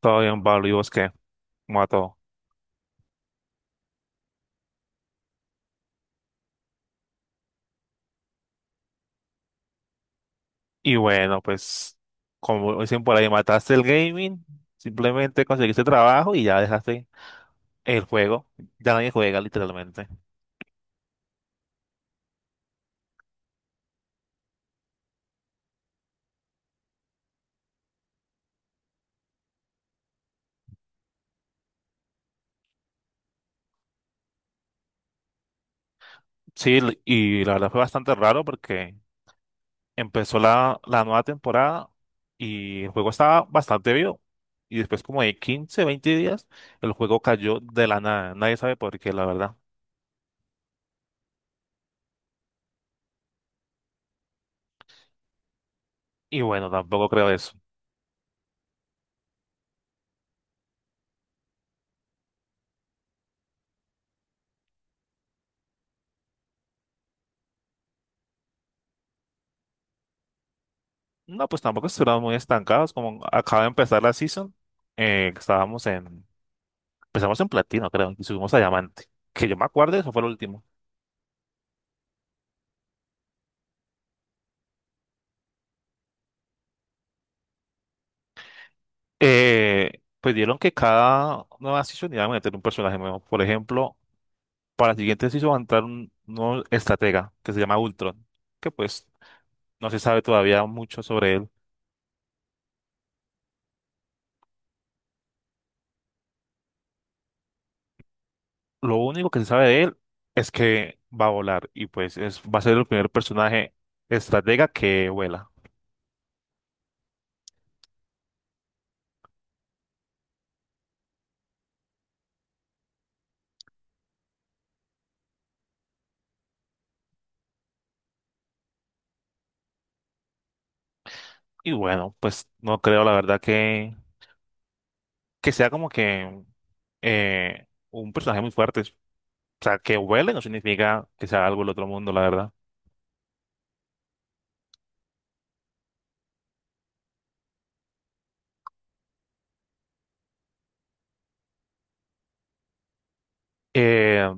Todo bien, Pablo, ¿y vos qué? ¿Cómo va todo? Y bueno, pues, como dicen por ahí, mataste el gaming, simplemente conseguiste trabajo y ya dejaste el juego. Ya nadie juega, literalmente. Sí, y la verdad fue bastante raro porque empezó la nueva temporada y el juego estaba bastante vivo. Y después, como de 15 20 días, el juego cayó de la nada. Nadie sabe por qué, la verdad. Y bueno, tampoco creo eso. No, pues tampoco estuvimos muy estancados, como acaba de empezar la season, estábamos en, empezamos en platino, creo, y subimos a diamante, que yo me acuerdo, eso fue lo último. Pues dieron que cada nueva season iba a meter un personaje nuevo, por ejemplo, para la siguiente season va a entrar un nuevo estratega, que se llama Ultron, que pues no se sabe todavía mucho sobre él. Lo único que se sabe de él es que va a volar, y pues es, va a ser el primer personaje estratega que vuela. Y bueno, pues no creo la verdad que sea como que un personaje muy fuerte. O sea, que huele no significa que sea algo del otro mundo, la verdad. Eh,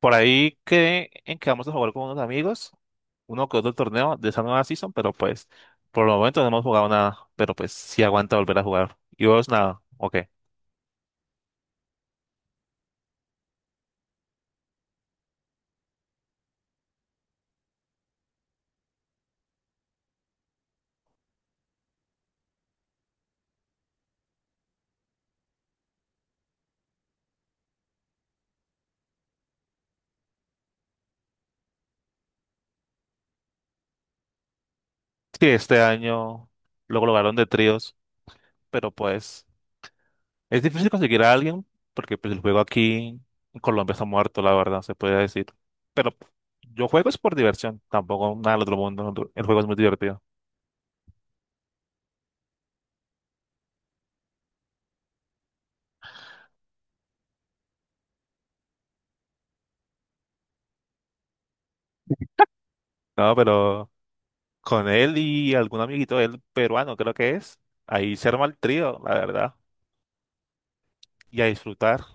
por ahí quedé en que vamos a jugar con unos amigos, uno que otro torneo de esa nueva season, pero pues por el momento no hemos jugado nada, pero pues sí aguanta volver a jugar. Y vos nada, ok. Sí, este año lo lograron de tríos, pero pues... Es difícil conseguir a alguien porque pues, el juego aquí en Colombia está muerto, la verdad, se puede decir. Pero yo juego es por diversión, tampoco nada del otro mundo. El juego es muy divertido. No, pero con él y algún amiguito de él peruano, creo que es, ahí se arma el trío, la verdad, y a disfrutar.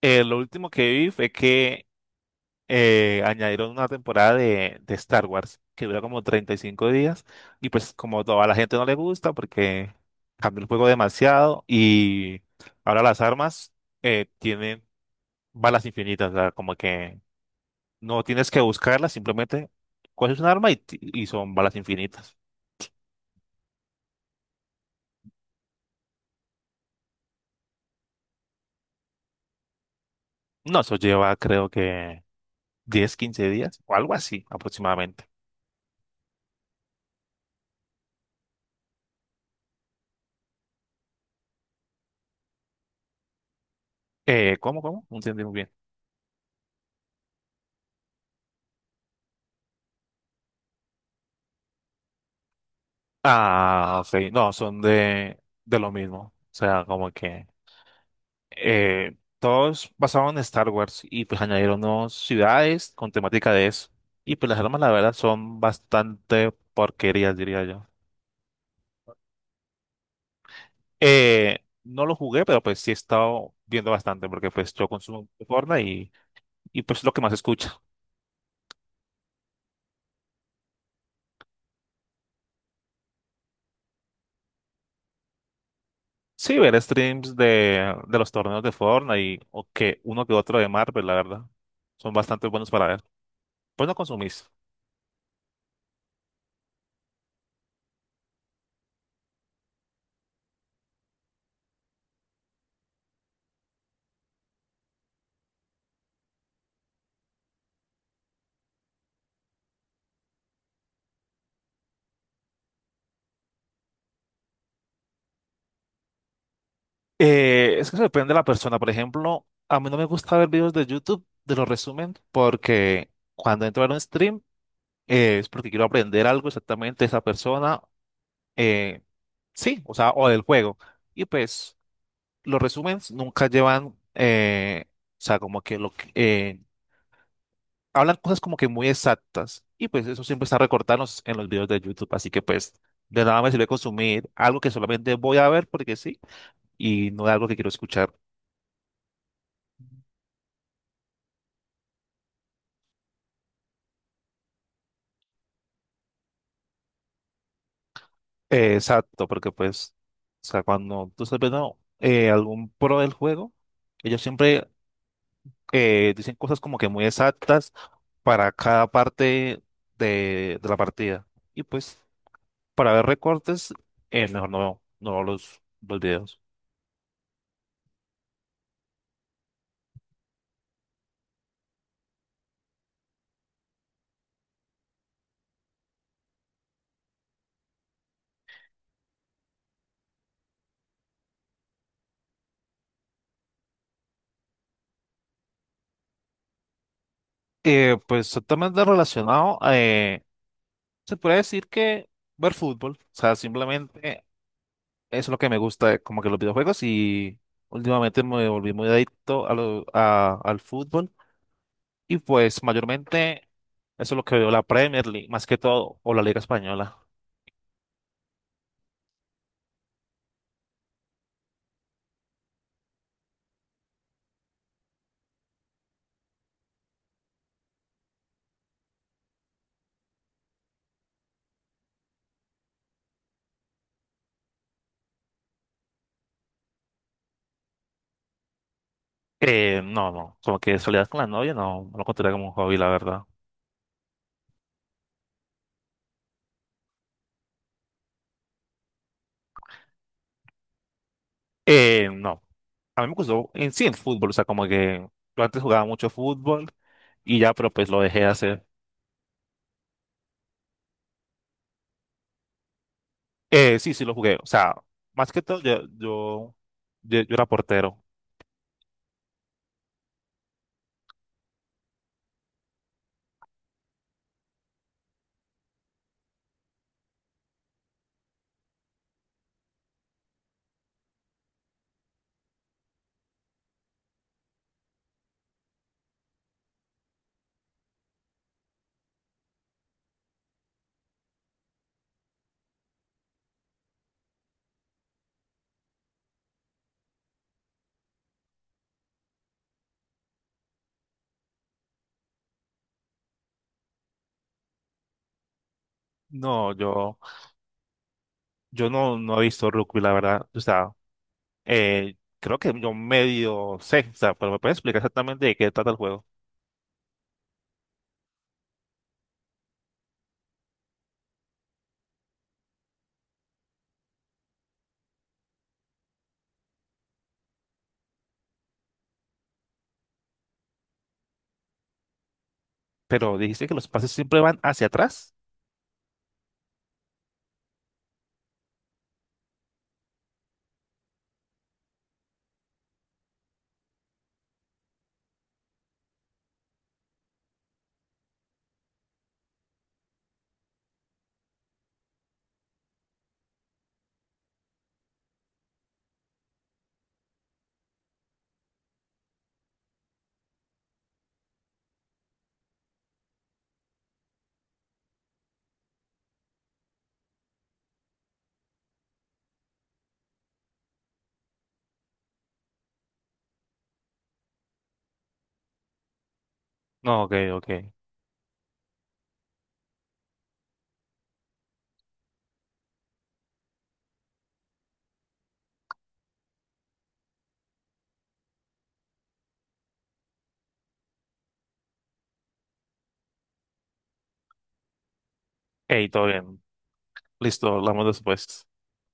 Lo último que vi fue que añadieron una temporada de Star Wars que dura como 35 días y pues como todo, a la gente no le gusta porque cambió el juego demasiado y ahora las armas tienen balas infinitas, o sea, como que no tienes que buscarlas, simplemente coges un arma y, y son balas infinitas. No, eso lleva creo que 10 15 días o algo así aproximadamente. ¿Cómo, cómo? No entendí muy bien. Ah, ok, no, son de lo mismo, o sea, como que... todos basados en Star Wars y pues añadieron nuevas ciudades con temática de eso. Y pues las armas, la verdad, son bastante porquerías, diría yo. Eh, no lo jugué, pero pues sí he estado viendo bastante porque pues yo consumo Fortnite y pues lo que más escucha. Sí, ver streams de los torneos de Fortnite y o que uno que otro de Marvel, la verdad. Son bastante buenos para ver. Pues no consumís. Es que depende de la persona. Por ejemplo, a mí no me gusta ver videos de YouTube de los resumen porque cuando entro a ver un stream es porque quiero aprender algo exactamente de esa persona. eh, sí, o sea, o del juego. Y pues los resúmenes nunca llevan, o sea, como que lo que, hablan cosas como que muy exactas. Y pues eso siempre está recortado en los videos de YouTube. Así que pues de nada me sirve consumir algo que solamente voy a ver porque sí y no es algo que quiero escuchar. Exacto, porque pues, o sea, cuando tú estás viendo algún pro del juego, ellos siempre dicen cosas como que muy exactas para cada parte de la partida. Y pues, para ver recortes, mejor no, no veo los videos. Pues, totalmente relacionado, se puede decir que ver fútbol, o sea, simplemente es lo que me gusta, como que los videojuegos y últimamente me volví muy adicto a al fútbol. Y pues mayormente eso es lo que veo la Premier League, más que todo, o la Liga Española. No, no, como que salías con la novia, no, no lo contaría como un hobby, la verdad. No, a mí me gustó en sí el fútbol, o sea, como que yo antes jugaba mucho fútbol y ya, pero pues lo dejé de hacer. Sí, sí lo jugué, o sea, más que todo yo era portero. No, yo no, no he visto rugby, la verdad, o sea, creo que yo medio sé, o sea, pero me puedes explicar exactamente de qué trata el juego. Pero dijiste que los pases siempre van hacia atrás. No, ok, ok. Hey, todo bien. Listo, hablamos después.